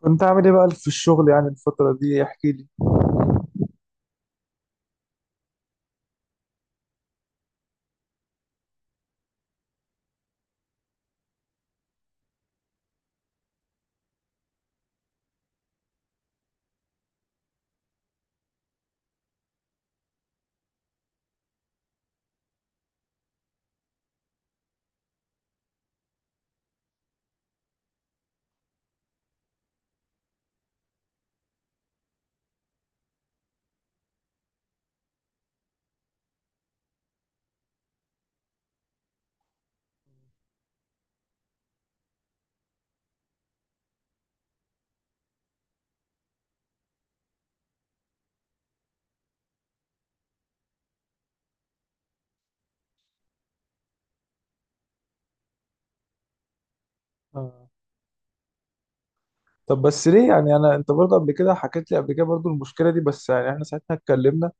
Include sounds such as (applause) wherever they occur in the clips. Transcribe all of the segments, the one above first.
كنت عامل ايه بقى في الشغل؟ يعني الفترة دي احكي لي. آه. طب بس ليه؟ يعني انا انت برضه قبل كده حكيت لي قبل كده برضه المشكلة دي، بس يعني احنا ساعتها اتكلمنا،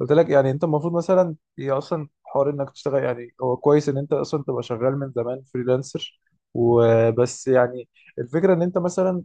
قلت لك يعني انت المفروض مثلا هي اصلا حوار انك تشتغل، يعني هو كويس ان انت اصلا تبقى شغال من زمان فريلانسر وبس. يعني الفكرة ان انت مثلا،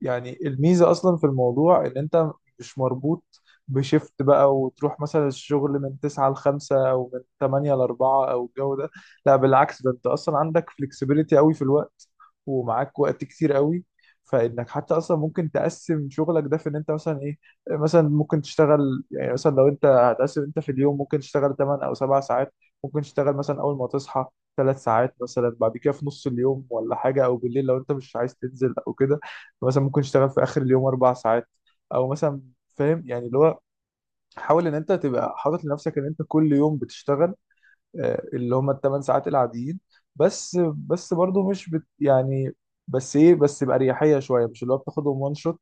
يعني الميزة أصلا في الموضوع إن أنت مش مربوط بشيفت بقى، وتروح مثلا الشغل من 9 ل 5 أو من 8 ل 4 أو الجو ده. لا بالعكس، ده أنت أصلا عندك فلكسبيليتي قوي في الوقت، ومعاك وقت كتير قوي، فإنك حتى أصلا ممكن تقسم شغلك ده، في إن أنت مثلا إيه، مثلا ممكن تشتغل، يعني مثلا لو أنت هتقسم، أنت في اليوم ممكن تشتغل 8 أو 7 ساعات. ممكن تشتغل مثلا أول ما تصحى ثلاث ساعات، مثلا بعد كده في نص اليوم ولا حاجة، أو بالليل لو أنت مش عايز تنزل أو كده. مثلا ممكن تشتغل في اخر اليوم اربع ساعات، او مثلا، فاهم يعني اللي هو حاول ان انت تبقى حاطط لنفسك ان انت كل يوم بتشتغل اللي هم الثمان ساعات العاديين، بس برضو مش بت يعني بس بأريحية شوية، مش اللي هو بتاخدهم وان شوت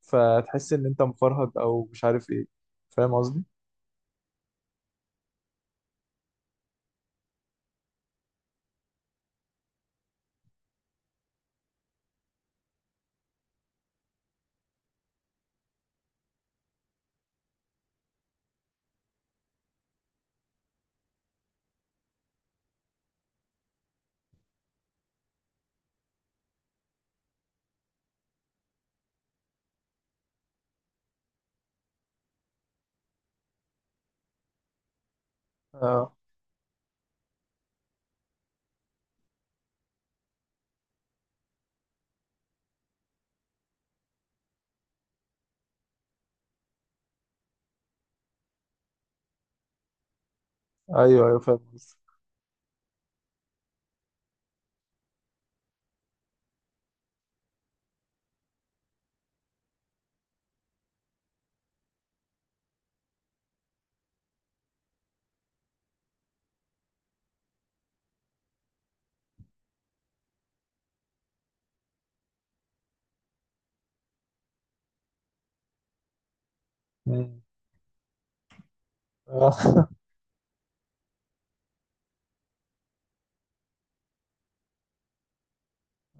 فتحس ان انت مفرهد او مش عارف ايه. فاهم قصدي؟ اه. ايوه ايوه فاهم قصدي. مم. اه (laughs)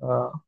اه،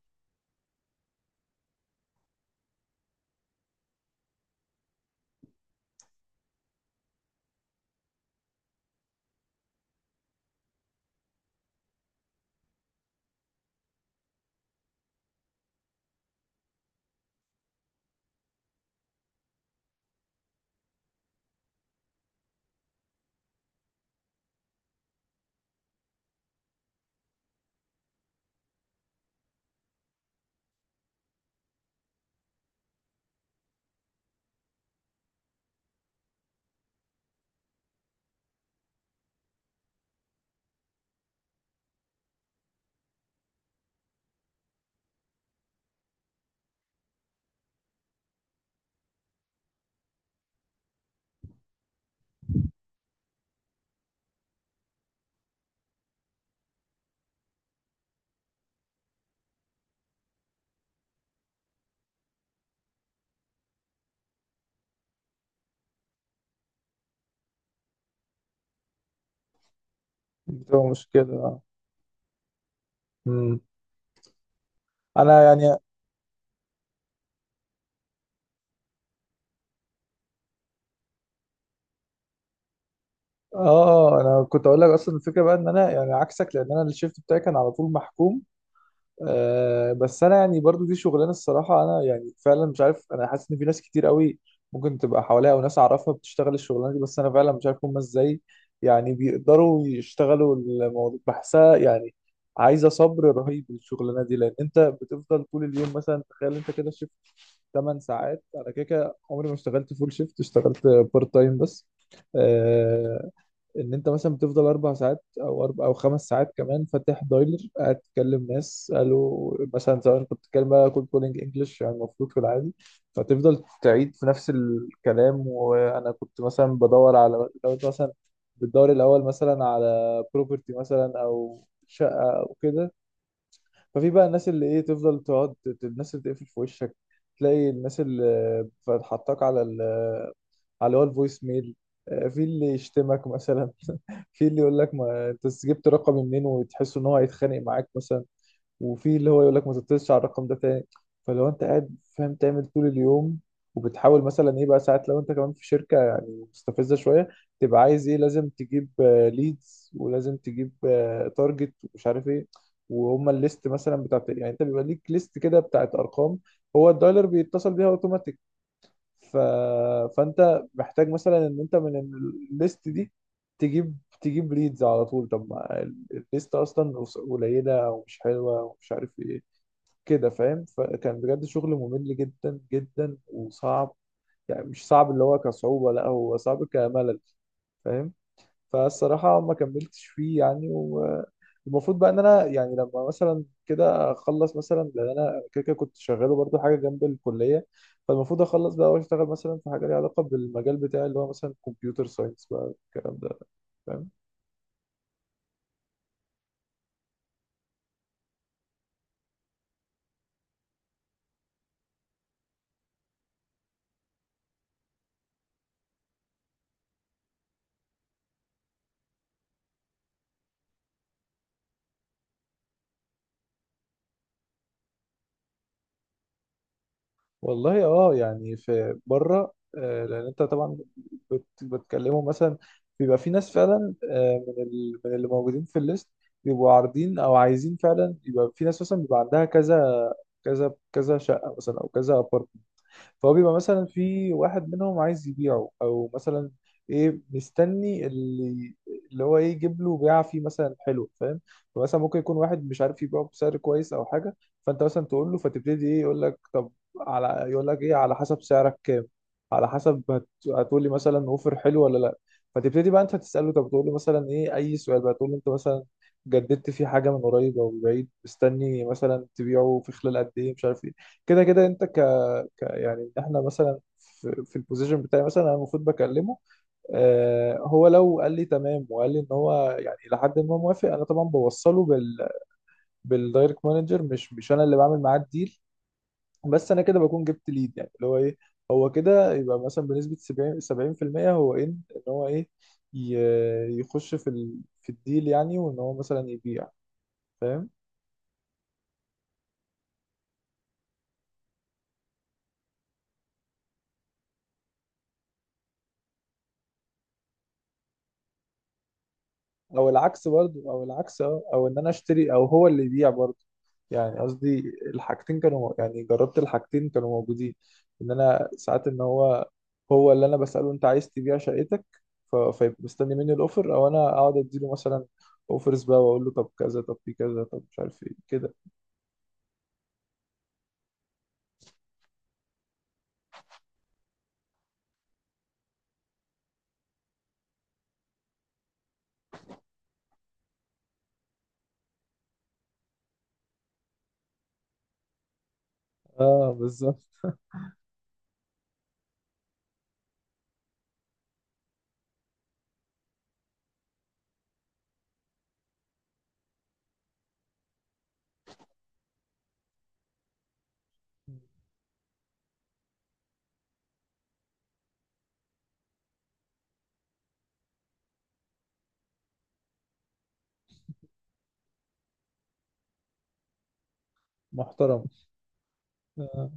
بتبقى مشكلة. آه. مم. انا يعني. اه انا كنت اقول لك اصلا الفكره بقى ان انا يعني عكسك، لان انا الشيفت بتاعي كان على طول محكوم. آه بس انا يعني برضو دي شغلانه، الصراحه انا يعني فعلا مش عارف، انا حاسس ان في ناس كتير قوي ممكن تبقى حواليا او ناس اعرفها بتشتغل الشغلانه دي، بس انا فعلا مش عارف هم ازاي يعني بيقدروا يشتغلوا الموضوع، بحسها يعني عايزه صبر رهيب الشغلانه دي، لان انت بتفضل طول اليوم مثلا. تخيل انت كده شيفت 8 ساعات، انا كده كده عمري ما اشتغلت فول شيفت، اشتغلت بارت تايم بس. آه، ان انت مثلا بتفضل اربع ساعات او اربع او خمس ساعات كمان فاتح دايلر، قاعد تكلم ناس، قالوا مثلا زمان كنت بتتكلم بقى كول كولينج انجلش يعني المفروض في العادي. فتفضل تعيد في نفس الكلام، وانا كنت مثلا بدور على، لو انت مثلا بتدور الاول مثلا على بروبرتي مثلا او شقه او كده. ففي بقى الناس اللي ايه تفضل تقعد، الناس اللي تقفل في وشك، تلاقي الناس اللي بتحطك على على اللي هو الفويس ميل، في اللي يشتمك مثلا (laughs) في اللي يقول لك ما انت جبت رقمي منين وتحس ان هو هيتخانق معاك مثلا، وفي اللي هو يقول لك ما تتصلش على الرقم ده تاني. فلو انت قاعد فاهم تعمل طول اليوم، وبتحاول مثلا ايه بقى ساعات، لو انت كمان في شركة يعني مستفزة شوية تبقى عايز ايه، لازم تجيب ليدز، ولازم تجيب تارجت ومش عارف ايه. وهم الليست مثلا بتاعت، يعني انت بيبقى ليك ليست كده بتاعت ارقام هو الدايلر بيتصل بيها اوتوماتيك، ف... فانت محتاج مثلا ان انت من الليست دي تجيب ليدز على طول. طب ما الليست اصلا قليله ومش حلوه ومش عارف ايه. كده فاهم. فكان بجد شغل ممل جدا جدا وصعب. يعني مش صعب اللي هو كصعوبه، لا هو صعب كملل. فاهم. فالصراحة ما كملتش فيه يعني. والمفروض بقى ان انا يعني لما مثلا كده اخلص، مثلا لان انا كده كده كنت شغاله برضو حاجة جنب الكلية، فالمفروض اخلص بقى واشتغل مثلا في حاجة ليها علاقة بالمجال بتاعي اللي هو مثلا كمبيوتر ساينس بقى الكلام ده. فاهم؟ والله اه يعني في بره، لان انت طبعا بتكلموا مثلا. بيبقى في ناس فعلا من اللي موجودين في الليست بيبقوا عارضين او عايزين فعلا، يبقى في ناس مثلا بيبقى عندها كذا كذا كذا شقه مثلا او كذا. فهو بيبقى مثلا في واحد منهم عايز يبيعه، او مثلا ايه، مستني اللي هو ايه يجيب له بيعه فيه مثلا حلو، فاهم. فمثلا ممكن يكون واحد مش عارف يبيعه بسعر كويس او حاجه، فانت مثلا تقول له، فتبتدي ايه، يقول لك طب على، يقول لك ايه على حسب سعرك كام، على حسب هتقول لي مثلا اوفر حلو ولا لا. فتبتدي بقى انت تساله، طب تقول له مثلا ايه اي سؤال بقى، تقول له انت مثلا جددت في حاجه من قريب او بعيد، مستني مثلا تبيعه في خلال قد ايه مش عارف ايه، كده كده انت يعني ان احنا مثلا في البوزيشن بتاعي مثلا. انا المفروض بكلمه. آه، هو لو قال لي تمام وقال لي ان هو يعني لحد ما موافق، انا طبعا بوصله بالدايركت مانجر، مش انا اللي بعمل معاه الديل، بس انا كده بكون جبت ليد يعني اللي هو ايه. هو كده يبقى مثلا بنسبة 70 70% هو ان هو ايه يخش في في الديل يعني، وان هو مثلا يبيع. فاهم. او العكس برضو. او العكس اه، او ان انا اشتري او هو اللي يبيع برضو يعني. قصدي الحاجتين كانوا، يعني جربت الحاجتين كانوا موجودين. ان انا ساعات ان هو هو اللي انا بسأله انت عايز تبيع شقتك، فيبقى مستني مني الاوفر، او انا اقعد اديله مثلا اوفرز بقى واقول له طب كذا، طب في كذا، طب مش عارف ايه كده. اه بالظبط. محترم. اه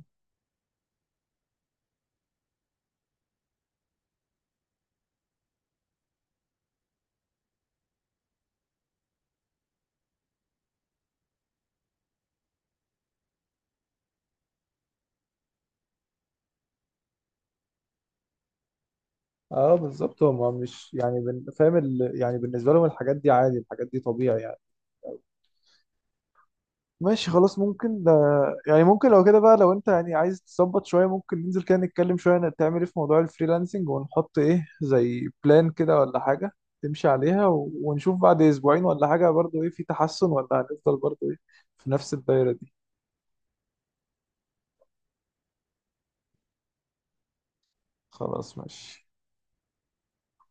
بالظبط، هما مش يعني فاهم يعني بالنسبة لهم الحاجات دي عادي، الحاجات دي طبيعي يعني. ماشي خلاص، ممكن يعني ممكن لو كده بقى، لو انت يعني عايز تظبط شوية، ممكن ننزل كده نتكلم شوية تعمل ايه في موضوع الفريلانسنج، ونحط ايه زي بلان كده ولا حاجة تمشي عليها، ونشوف بعد اسبوعين ولا حاجة برضو ايه في تحسن، ولا هنفضل برضو ايه في نفس الدايرة دي. خلاص ماشي.